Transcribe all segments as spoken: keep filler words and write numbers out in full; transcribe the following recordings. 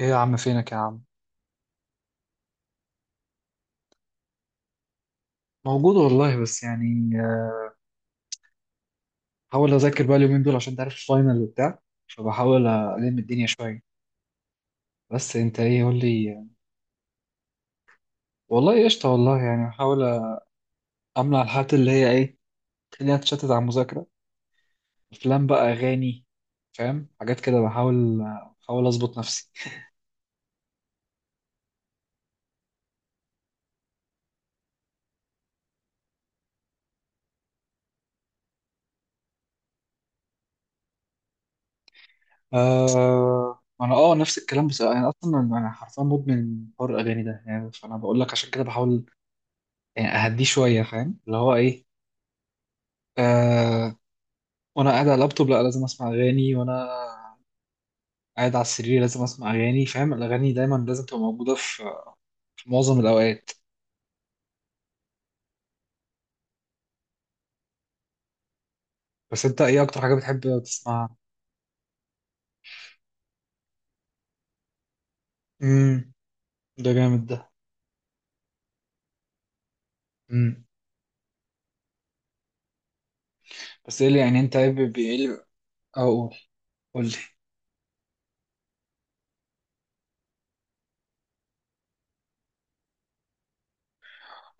ايه يا عم فينك يا عم؟ موجود والله، بس يعني آه، بحاول اذاكر بقى اليومين دول عشان تعرف الفاينل وبتاع. فبحاول الم الدنيا شويه. بس انت ايه قول لي؟ والله قشطه والله، يعني بحاول امنع الحاجات اللي هي ايه، تخليني اتشتت على المذاكره، افلام بقى، اغاني، فاهم حاجات كده. بحاول بحاول اظبط نفسي. آه انا اه نفس الكلام، بس انا اصلا انا حرفيا مدمن حوار الاغاني ده يعني، فانا بقول لك عشان كده بحاول يعني اهديه شويه فاهم اللي هو ايه. آه، وانا قاعد على اللابتوب لا لازم اسمع اغاني، وانا قاعد على السرير لازم اسمع اغاني، فاهم الاغاني دايما لازم تبقى موجوده في في معظم الاوقات. بس انت ايه اكتر حاجه بتحب تسمعها؟ امم، ده جامد ده. امم. بس ايه اللي يعني انت ايه، ب- ايه اللي اقول قول لي؟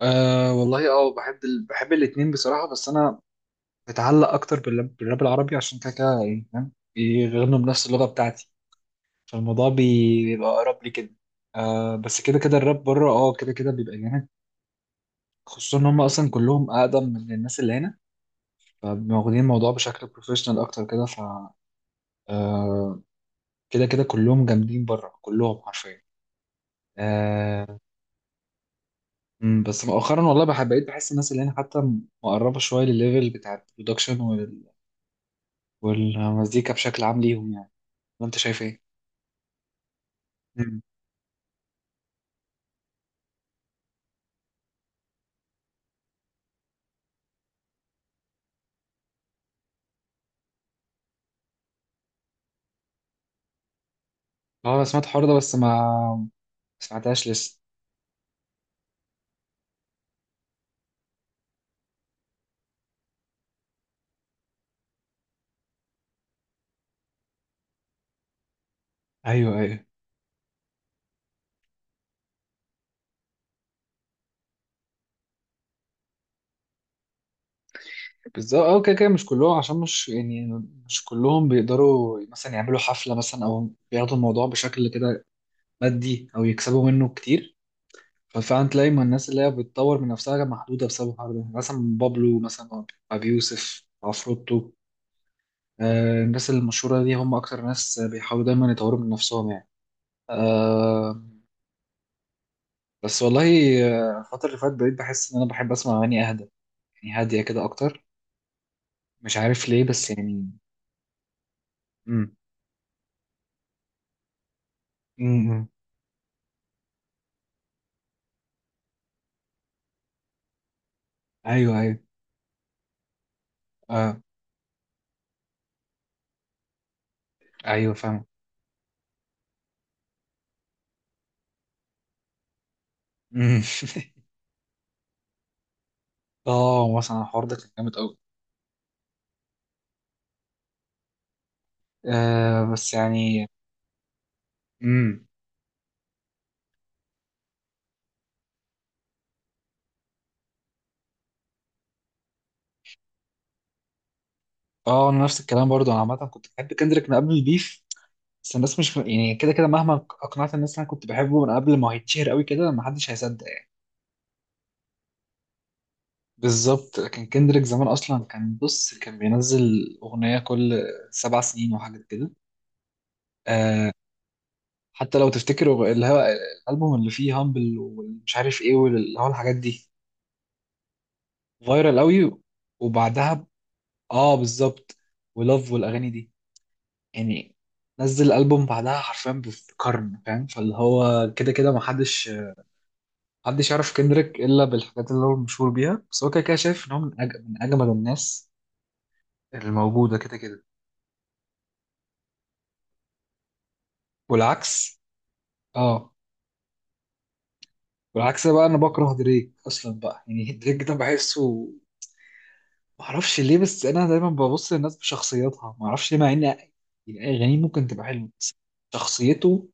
آه والله، اه بحب ال... بحب الاتنين بصراحه، بس انا بتعلق اكتر بالراب, بالراب العربي، عشان كده كده يعني فاهم يغنوا بنفس اللغه بتاعتي، فالموضوع بي- بيبقى اقرب لي كده. آه بس كده كده الراب بره، اه كده كده بيبقى جامد، خصوصا ان هم اصلا كلهم اقدم من الناس اللي هنا، فواخدين الموضوع بشكل بروفيشنال اكتر كده ف... آه، كده كده كلهم جامدين بره كلهم حرفيا. آه، مم، بس مؤخرا والله بحب، بقيت بحس الناس اللي هنا حتى مقربه شويه للليفل بتاع البرودكشن وال... والمزيكا بشكل عام ليهم يعني. وانت شايف ايه؟ مم. اه انا سمعت الحوار ده بس ما ما سمعتهاش لسه. ايوه ايوه. بالظبط، اه كده كده مش كلهم، عشان مش يعني مش كلهم بيقدروا مثلا يعملوا حفله مثلا او بياخدوا الموضوع بشكل كده مادي، او يكسبوا منه كتير. ففعلا تلاقي ما الناس اللي هي بتطور من نفسها محدوده بسبب الحوار ده، مثلا بابلو، مثلا ابي يوسف، عفروتو. آه الناس المشهوره دي هم اكتر ناس بيحاولوا دايما يطوروا من نفسهم يعني. آه بس والله، آه، الفتره اللي فاتت بقيت بحس ان انا بحب اسمع اغاني اهدى، يعني هاديه كده اكتر، مش عارف ليه بس يعني. امم. امم. ايوه ايوه. آه ايوه فاهم. مم. اه مثلا الحوار ده كان جامد قوي. آه بس يعني. مم. اه انا نفس الكلام برضو، انا عامه كنت بحب كندريك من قبل البيف، بس الناس مش يعني كده كده مهما اقنعت الناس إن انا كنت بحبه من قبل ما هيتشهر قوي كده، ما حدش هيصدق يعني. بالظبط، لكن كندريك زمان اصلا كان بص كان بينزل اغنيه كل سبع سنين وحاجه كده. آه حتى لو تفتكروا اللي هو الالبوم اللي فيه هامبل ومش عارف ايه، واللي هو الحاجات دي فايرال قوي. وبعدها ب- اه بالظبط، ولاف والاغاني دي، يعني نزل ألبوم بعدها حرفيا بقرن فاهم، فاللي هو كده كده محدش محدش يعرف كندريك إلا بالحاجات اللي هو مشهور بيها، بس هو كده كده شايف إن هو من, أج... من أجمد الناس الموجودة كده كده. والعكس. اه والعكس بقى، أنا بكره دريك أصلا بقى يعني، دريك ده بحسه معرفش ليه، بس أنا دايما ببص للناس بشخصياتها معرفش ليه، مع إن يعني أغانيه ممكن تبقى حلوة بس شخصيته،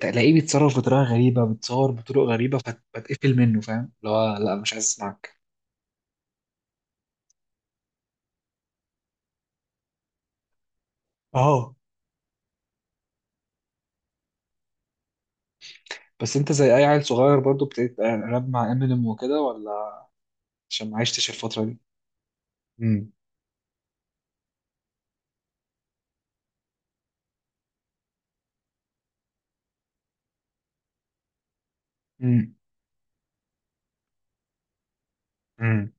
تلاقيه بيتصرف بطريقه غريبه، بيتصور بطرق غريبه، فتقفل منه فاهم اللي هو لا مش عايز اسمعك. اه بس انت زي اي عيل صغير برضو ابتديت راب مع امينيم وكده، ولا عشان ما عشتش الفتره دي؟ امم. امم. امم.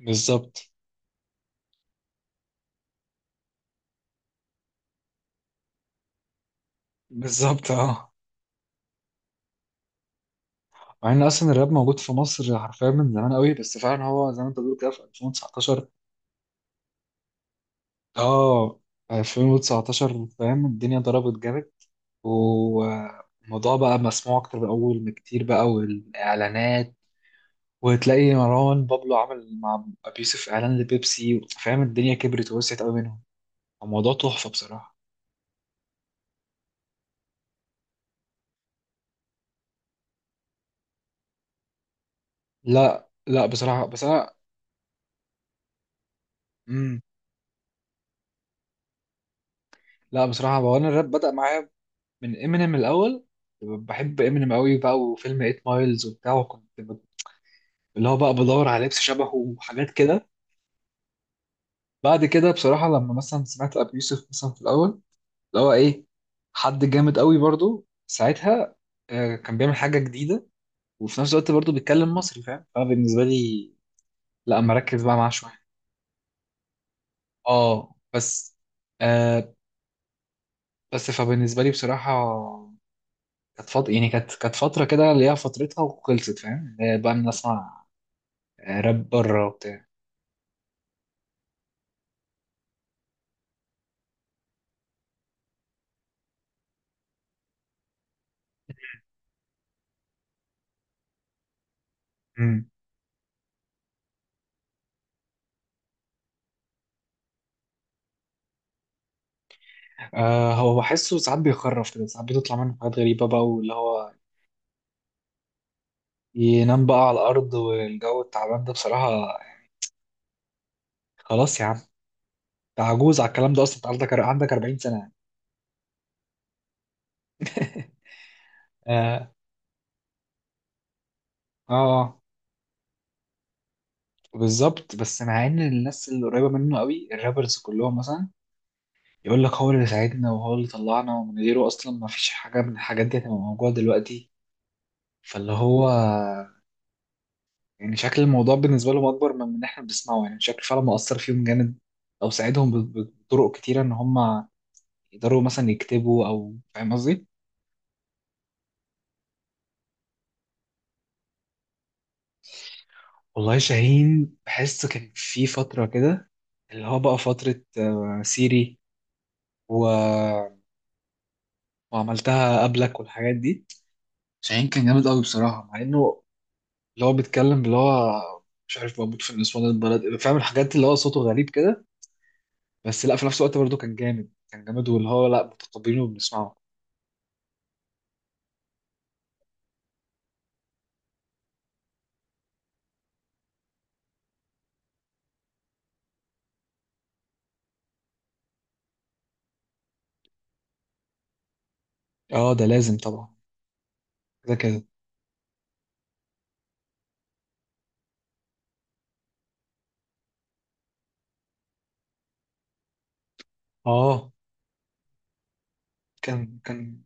بالظبط. بالظبط، اه مع ان اصلا الراب موجود في مصر حرفيا من زمان قوي، بس فعلا هو زي ما انت بتقول كده في ألفين وتسعطاشر. اه ألفين وتسعة عشر فاهم الدنيا ضربت جامد، والموضوع بقى مسموع اكتر من الاول بكتير بقى، والاعلانات وتلاقي مروان بابلو عمل مع أبي يوسف إعلان لبيبسي، فاهم الدنيا كبرت ووسعت قوي منهم. الموضوع تحفة بصراحة. لا لا بصراحة بس أنا. مم. لا بصراحة هو، أنا الراب بدأ معايا من إمينيم الأول، بحب إمينيم قوي بقى، وفيلم ايت مايلز وبتاع، وكنت ب- اللي هو بقى بدور على لبس شبهه وحاجات كده. بعد كده بصراحة لما مثلا سمعت أبي يوسف مثلا في الأول اللي هو إيه، حد جامد قوي برضو ساعتها، آه، كان بيعمل حاجة جديدة، وفي نفس الوقت برضه بيتكلم مصري فاهم، فبالنسبة لي لا مركز بقى معاه شويه. اه بس آه بس فبالنسبه لي بصراحه كانت فتره يعني، كانت كانت فتره كده ليها فترتها وخلصت فاهم. آه، بقى بنسمع آه، راب بره وبتاع. مم. آه هو بحسه ساعات بيخرف كده، ساعات بتطلع منه حاجات غريبه بقى، واللي هو ينام بقى على الارض والجو التعبان ده بصراحه. خلاص يا عم. انت عجوز على الكلام ده اصلا، انت عندك عندك اربعين سنه. اه اه، آه، بالظبط، بس مع ان الناس اللي قريبه منه قوي الرابرز كلهم مثلا يقول لك هو اللي ساعدنا وهو اللي طلعنا، ومن غيره اصلا ما فيش حاجه من الحاجات دي هتبقى موجوده دلوقتي، فاللي هو يعني شكل الموضوع بالنسبه لهم اكبر من من احنا بنسمعه، يعني شكل فعلا مؤثر فيهم جامد، او ساعدهم ب- ب- بطرق كتيره ان هم يقدروا مثلا يكتبوا، او فاهم قصدي. والله شاهين، بحس كان في فتره كده اللي هو بقى فتره آه، سيري و... وعملتها قبلك والحاجات دي، شاهين كان جامد قوي بصراحه مع انه، اللي هو بيتكلم اللي هو مش عارف موجود في نسوان البلد، فاهم الحاجات اللي هو صوته غريب كده، بس لا في نفس الوقت برضه كان جامد كان جامد واللي هو لا متقبلينه وبنسمعه. اه ده لازم طبعا، كده كده. اه كان كان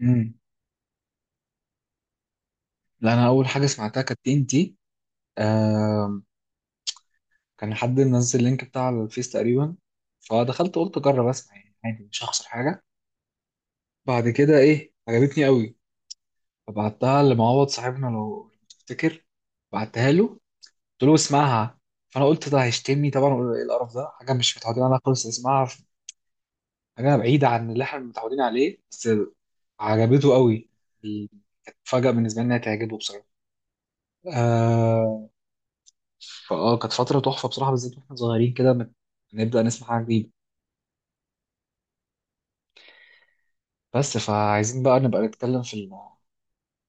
امم، لا انا اول حاجه سمعتها كانت تي ان تي، كان حد منزل اللينك بتاع الفيس تقريبا، فدخلت قلت اجرب اسمع يعني عادي مش هخسر حاجه. بعد كده ايه عجبتني قوي، فبعتها لمعوض صاحبنا لو تفتكر، بعتها له، قلت له اسمعها. فانا قلت ده هيشتمني طبعا وأقول له ايه القرف ده، حاجه مش متعودين عليها خالص، اسمعها، حاجه بعيده عن اللي احنا متعودين عليه، بس عجبته قوي. كانت فجأة بالنسبه لي انها تعجبه بصراحه. آه فاه كانت فتره تحفه بصراحه، بالذات واحنا صغيرين كده مت- نبدا نسمع حاجه جديده. بس فعايزين بقى نبقى نتكلم في ال-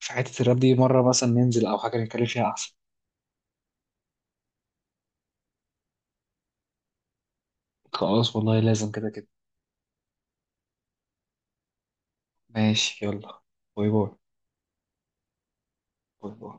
في حته الراب دي مره، مثلا ننزل او حاجه نتكلم فيها احسن. خلاص والله، لازم كده كده. ماشي يلا، باي باي. باي باي.